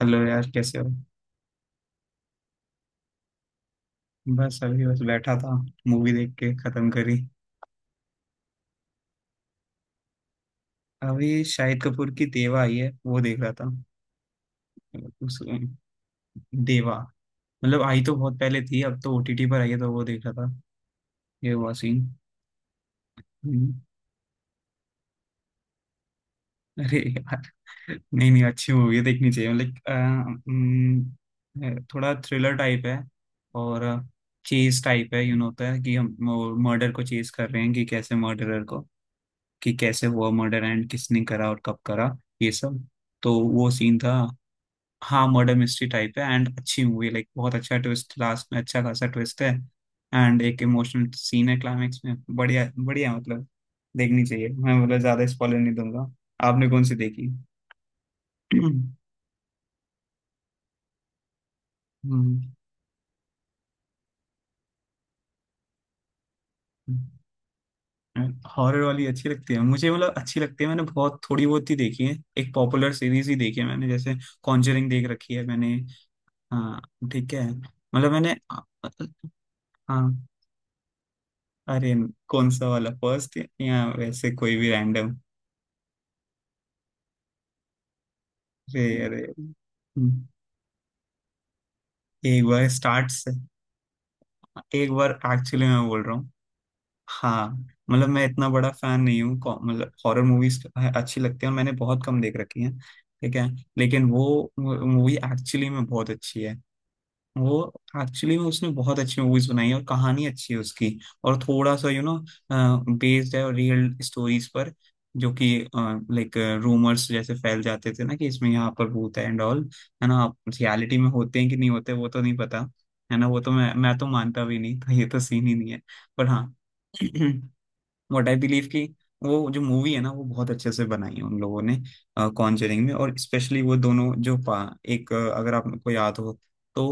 Hello यार, कैसे हो? बस अभी बस बैठा था। मूवी देख के खत्म करी। अभी शाहिद कपूर की देवा आई है, वो देख रहा था। उस देवा, मतलब आई तो बहुत पहले थी, अब तो ओटीटी पर आई है, तो वो देख रहा था, ये हुआ सीन। हम्म, अरे यार। नहीं नहीं, अच्छी मूवी है, देखनी चाहिए। मतलब थोड़ा थ्रिलर टाइप है, और चेज टाइप है, यू नो, होता है कि हम मर्डर को चेज कर रहे हैं, कि कैसे मर्डरर को, कि कैसे हुआ मर्डर, एंड किसने करा और कब करा, ये सब। तो वो सीन था। हाँ, मर्डर मिस्ट्री टाइप है, एंड अच्छी मूवी, लाइक बहुत अच्छा ट्विस्ट, लास्ट में अच्छा खासा ट्विस्ट है। एंड एक इमोशनल सीन है क्लाइमेक्स में, बढ़िया बढ़िया, मतलब देखनी चाहिए। मैं, मतलब, ज्यादा स्पॉइलर नहीं दूंगा। आपने कौन सी देखी? हॉरर वाली अच्छी लगती है मुझे, मतलब अच्छी लगती है, मैंने बहुत थोड़ी बहुत ही देखी है, एक पॉपुलर सीरीज ही देखी है मैंने, जैसे कॉन्जरिंग देख रखी है मैंने। हाँ। ठीक है, मतलब मैंने। हाँ। अरे, कौन सा वाला, फर्स्ट, या वैसे कोई भी रैंडम? अरे अरे। हम्म, एक बार स्टार्ट से। एक बार एक्चुअली मैं बोल रहा हूँ। हाँ, मतलब मैं इतना बड़ा फैन नहीं हूँ, मतलब हॉरर मूवीज अच्छी लगती है और मैंने बहुत कम देख रखी है, ठीक है, लेकिन वो मूवी एक्चुअली में बहुत अच्छी है। वो, एक्चुअली में उसने बहुत अच्छी मूवीज बनाई है और कहानी अच्छी है उसकी। और थोड़ा सा, यू नो, बेस्ड है और रियल स्टोरीज पर, जो कि लाइक रूमर्स जैसे फैल जाते थे ना, कि इसमें यहाँ पर भूत है एंड ऑल, है ना। रियलिटी में होते हैं कि नहीं होते, वो तो नहीं पता, है ना। वो तो मैं तो मानता भी नहीं था, ये तो सीन ही नहीं है, पर हाँ। व्हाट आई बिलीव, कि वो जो मूवी है ना, वो बहुत अच्छे से बनाई है उन लोगों ने कॉन्जरिंग में। और स्पेशली वो दोनों जो एक, अगर आपको याद हो तो,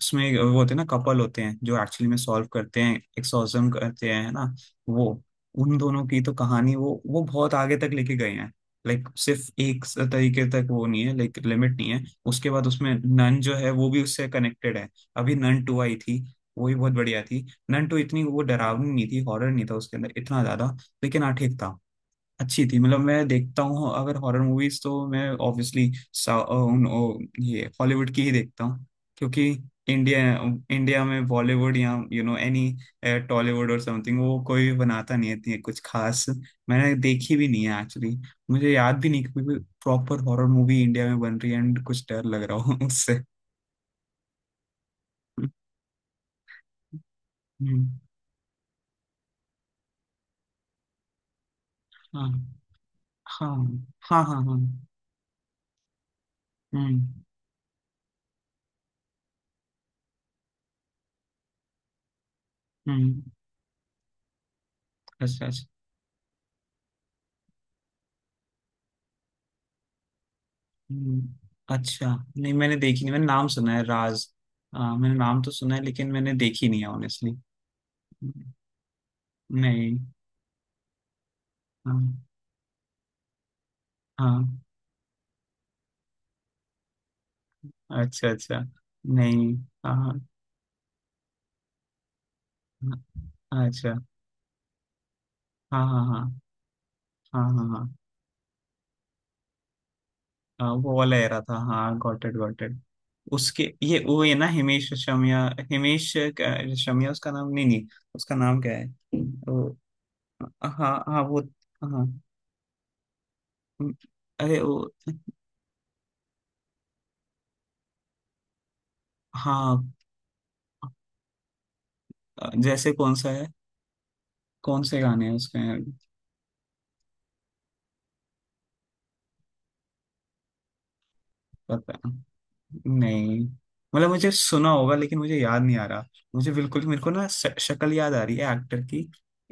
उसमें वो होते हैं ना, कपल होते हैं जो एक्चुअली में सॉल्व करते हैं, एक्सोर्सिज्म करते हैं, है ना। वो, उन दोनों की तो कहानी वो बहुत आगे तक लेके गए हैं। लाइक, सिर्फ एक तरीके तक वो नहीं है, लाइक लिमिट नहीं है। उसके बाद उसमें नन जो है, वो भी उससे कनेक्टेड है। अभी नन 2 आई थी, वो भी बहुत बढ़िया थी। नंटो इतनी वो डरावनी नहीं थी, हॉरर नहीं था उसके अंदर इतना ज्यादा, लेकिन हाँ ठीक था, अच्छी थी। मतलब मैं देखता हूँ अगर हॉरर मूवीज, तो मैं ऑब्वियसली ये हॉलीवुड की ही देखता हूँ। क्योंकि इंडिया इंडिया में बॉलीवुड, या यू नो, एनी टॉलीवुड और समथिंग, वो कोई बनाता नहीं है इतनी कुछ खास। मैंने देखी भी नहीं है, एक्चुअली। मुझे याद भी नहीं कि प्रॉपर हॉरर मूवी इंडिया में बन रही है एंड कुछ डर लग रहा हो उससे। हम्म, हाँ हाँ हाँ हाँ हाँ। हम्म हम्म। अच्छा अच्छा। हम्म, अच्छा। नहीं, मैंने देखी नहीं, मैंने नाम सुना है, राज। मैंने नाम तो सुना है, लेकिन मैंने देखी नहीं है, ऑनेस्टली। नहीं। हाँ हाँ। अच्छा अच्छा। नहीं। हाँ हाँ, अच्छा। हाँ हाँ हाँ हाँ हाँ हाँ हाँ, वो वाला एरा था, हाँ, गॉट इट गॉट इट। उसके, ये, वो है ना, हिमेश रेशमिया। हिमेश रेशमिया उसका नाम, नहीं नहीं, उसका नाम क्या है, वो। हाँ हाँ, वो। हाँ। अरे वो। हाँ, जैसे कौन सा है? कौन से गाने हैं उसमें? पता नहीं, मतलब मुझे सुना होगा लेकिन मुझे याद नहीं आ रहा। मुझे बिल्कुल, मेरे को ना, शक्ल याद आ रही है एक्टर की।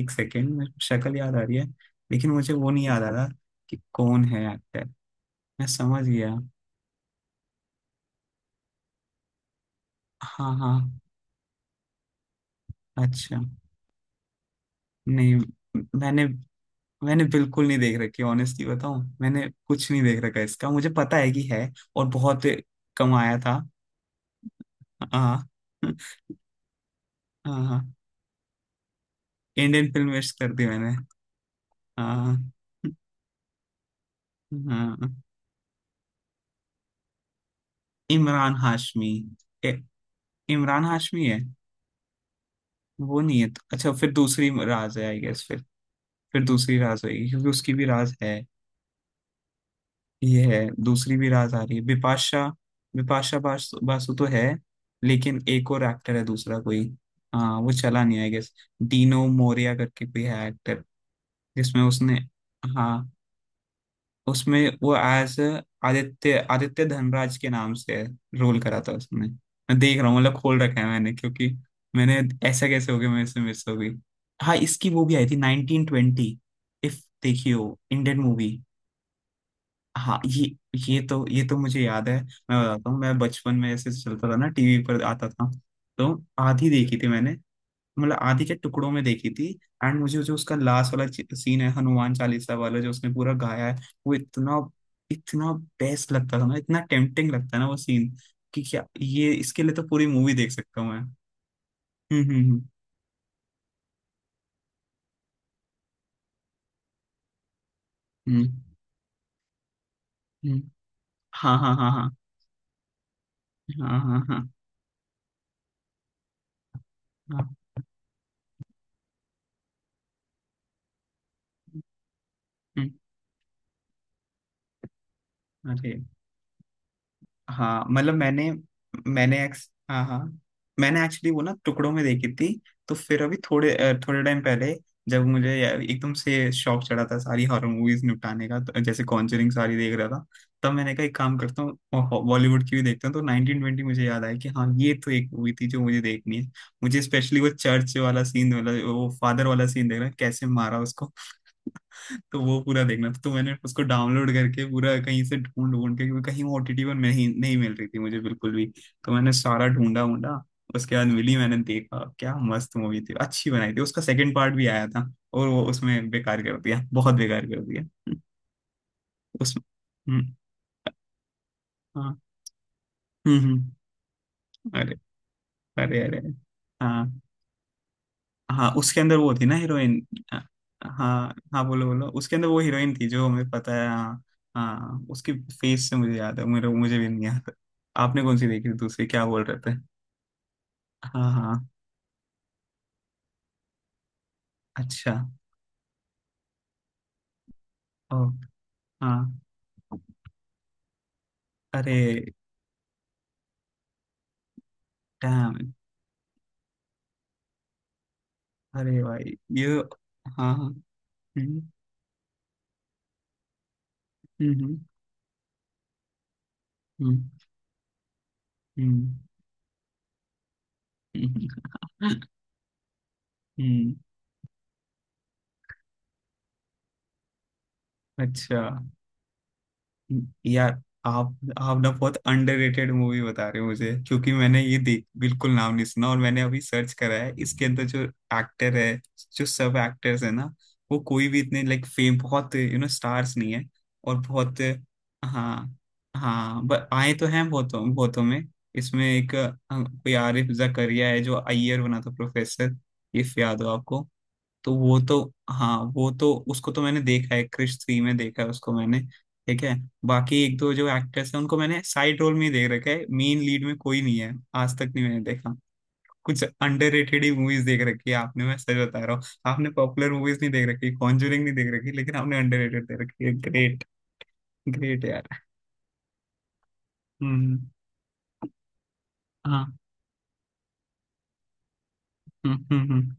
एक सेकेंड, मेरे को शक्ल याद आ रही है, लेकिन मुझे वो नहीं याद आ रहा कि कौन है एक्टर, मैं समझ गया। हाँ हाँ। अच्छा। नहीं, मैंने। मैंने बिल्कुल नहीं देख रखी, ऑनेस्टली बताऊं मैंने कुछ नहीं देख रखा इसका, मुझे पता है कि है और बहुत कमाया था। हाँ हाँ हाँ। इंडियन फिल्म वेस्ट कर दी मैंने। हाँ। हाँ। इमरान हाशमी। ए, इमरान हाशमी है। वो नहीं है तो, अच्छा, फिर दूसरी राज है आई गेस, फिर दूसरी राज होगी क्योंकि उसकी भी राज है, ये है, दूसरी भी राज आ रही है, बिपाशा। बिपाशा बासु, बासु तो है, लेकिन एक और एक्टर है, दूसरा कोई। हाँ, वो चला नहीं, आई गेस। डीनो मोरिया करके कोई है एक्टर, जिसमें उसने, हाँ, उसमें वो एज आदित्य आदित्य धनराज के नाम से रोल करा था उसने। मैं देख रहा हूँ, मतलब खोल रखा है मैंने, क्योंकि मैंने, ऐसा कैसे हो गया, मेरे से मिस हो गई। हाँ, इसकी वो भी आई थी, 1920। इफ देखी हो, इंडियन मूवी। हाँ ये, ये तो मुझे याद है, मैं बताता हूँ, मैं बचपन में ऐसे, चलता था ना टीवी पर आता था, तो आधी देखी थी मैंने, मतलब आधी के टुकड़ों में देखी थी। एंड मुझे जो उसका लास्ट वाला सीन है, हनुमान चालीसा वाला जो उसने पूरा गाया है, वो इतना, इतना बेस्ट लगता था ना, इतना टेम्पटिंग लगता है ना वो सीन, कि क्या, ये, इसके लिए तो पूरी मूवी देख सकता हूँ मैं। हम्म। हम्म हम्म हम्म। हाँ हाँ हाँ हाँ। हाँ हाँ हाँ हाँ। हम्म, अरे, हाँ, मतलब मैंने मैंने एक्स हाँ हाँ। मैंने एक्चुअली वो ना टुकड़ों में देखी थी। तो फिर अभी थोड़े टाइम पहले, जब मुझे एकदम से शौक चढ़ा था सारी हॉरर मूवीज निपटाने का, तो जैसे कॉन्जरिंग सारी देख रहा था, तब मैंने कहा एक काम करता हूँ, बॉलीवुड की भी देखता हूँ। तो 1920 मुझे याद आया कि हाँ ये तो एक मूवी थी जो मुझे देखनी है। मुझे स्पेशली वो चर्च वाला सीन वाला, वो फादर वाला सीन, देख रहा है कैसे मारा उसको, तो वो पूरा देखना था। तो मैंने उसको डाउनलोड करके पूरा कहीं से ढूंढ ढूंढ के, क्योंकि कहीं वो ओटीटी पर नहीं नहीं मिल रही थी मुझे, बिल्कुल भी। तो मैंने सारा ढूंढा ढूंढा, उसके बाद मिली। मैंने देखा क्या मस्त मूवी थी, अच्छी बनाई थी, उसका सेकंड पार्ट भी आया था, और वो उसमें बेकार कर दिया, बहुत बेकार कर दिया। उस। हम्म, हाँ। हम्म। अरे अरे। अरे। हाँ। हाँ, उसके अंदर वो थी ना हीरोइन। हाँ हाँ बोलो बोलो, उसके अंदर वो हीरोइन थी जो हमें पता है, हाँ। हाँ, उसकी फेस से मुझे याद है, मेरे मुझे भी नहीं याद। आपने कौन सी देखी थी दूसरी, क्या बोल रहे थे? हाँ हाँ। अच्छा। ओ। हाँ। अरे, डैम। अरे भाई, ये। हाँ हाँ। हम्म hmm hmm hmm. Hmm, hmm, हम्म, अच्छा। यार, आप ना बहुत अंडररेटेड मूवी बता रहे हो मुझे, क्योंकि मैंने ये देख, बिल्कुल नाम नहीं सुना। और मैंने अभी सर्च करा है, इसके अंदर जो एक्टर है, जो सब एक्टर्स है ना, वो कोई भी इतने लाइक फेम, बहुत यू नो स्टार्स नहीं है, और बहुत। हाँ हाँ, बट आए तो हैं बहुतों बहुतों में। इसमें एक, कोई आरिफ जकरिया है जो अय्यर बना था, प्रोफेसर, इफ याद हो आपको। तो वो तो, हाँ वो तो, उसको तो मैंने देखा है, क्रिश 3 में देखा है उसको मैंने, ठीक है। बाकी एक दो जो एक्ट्रेस है उनको मैंने साइड रोल में ही देख रखा है, मेन लीड में कोई नहीं है, आज तक नहीं मैंने देखा। कुछ अंडररेटेड ही मूवीज देख रखी है आपने, मैं सच बता रहा हूँ। आपने पॉपुलर मूवीज नहीं देख रखी, कॉन्जूरिंग नहीं देख रखी, लेकिन आपने अंडररेटेड देख रखी है, ग्रेट। ग्रेट यार। हम्म। हाँ। हम्म।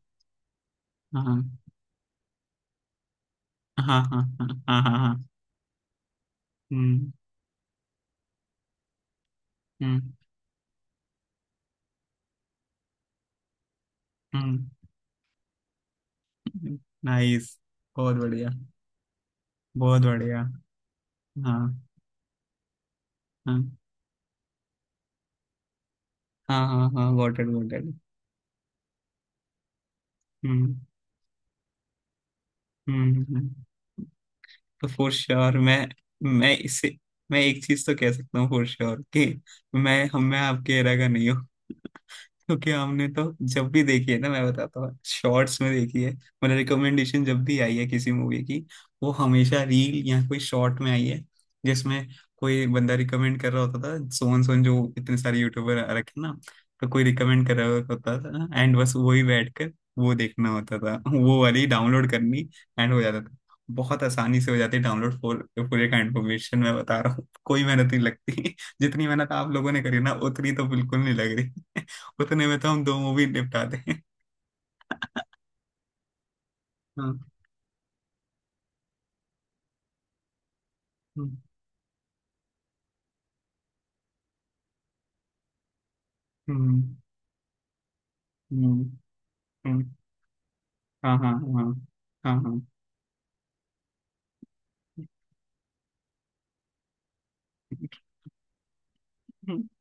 हाँ हाँ हाँ हाँ हाँ हाँ हाँ। हम्म हम्म हम्म। नाइस। बहुत बढ़िया। बहुत बढ़िया। हाँ हाँ हाँ हाँ हाँ, got it got it. Hmm hmm hmm. For sure, मैं। मैं इसे, मैं एक चीज तो कह सकता हूँ फॉर श्योर, कि मैं आपके एरा का नहीं हूँ। क्योंकि हमने तो जब भी देखी है ना, मैं बताता हूँ, शॉर्ट्स में देखी है, मतलब रिकमेंडेशन जब भी आई है किसी मूवी की, वो हमेशा रील या कोई शॉर्ट में आई है, जिसमें कोई बंदा रिकमेंड कर रहा होता था, सोन सोन जो इतने सारे यूट्यूबर आ रखे हैं ना। तो कोई रिकमेंड कर रहा होता था, एंड बस वही बैठ कर वो देखना होता था, वो वाली डाउनलोड करनी, एंड हो जाता था। बहुत आसानी से हो जाती है डाउनलोड फुल, पूरे का इन्फॉर्मेशन मैं बता रहा हूँ, कोई मेहनत नहीं लगती जितनी मेहनत आप लोगों ने करी ना, उतनी तो बिल्कुल नहीं लग रही उतने में तो हम दो मूवी निपटा दें हाँ। हम्म हम्म हम्म, हम्म, हाँ हाँ हाँ हाँ हाँ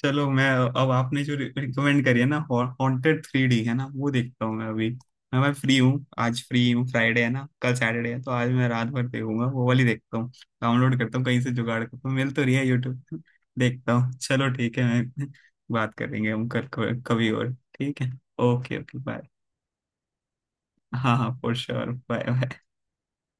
चलो मैं, अब आपने जो रिकमेंड करी है ना, हॉन्टेड 3D है ना, वो देखता हूँ मैं अभी। मैं फ्री हूँ आज, फ्री हूँ, फ्राइडे है ना, कल सैटरडे है, तो आज मैं रात भर देखूंगा, वो वाली देखता हूँ। डाउनलोड करता हूँ कहीं से, जुगाड़ करता हूँ, मिल तो रही है यूट्यूब पे, देखता हूँ। चलो ठीक है मैं बात करेंगे हम कल, कभी और। ठीक है। Okay okay, bye. हाँ हाँ, फॉर श्योर, बाय।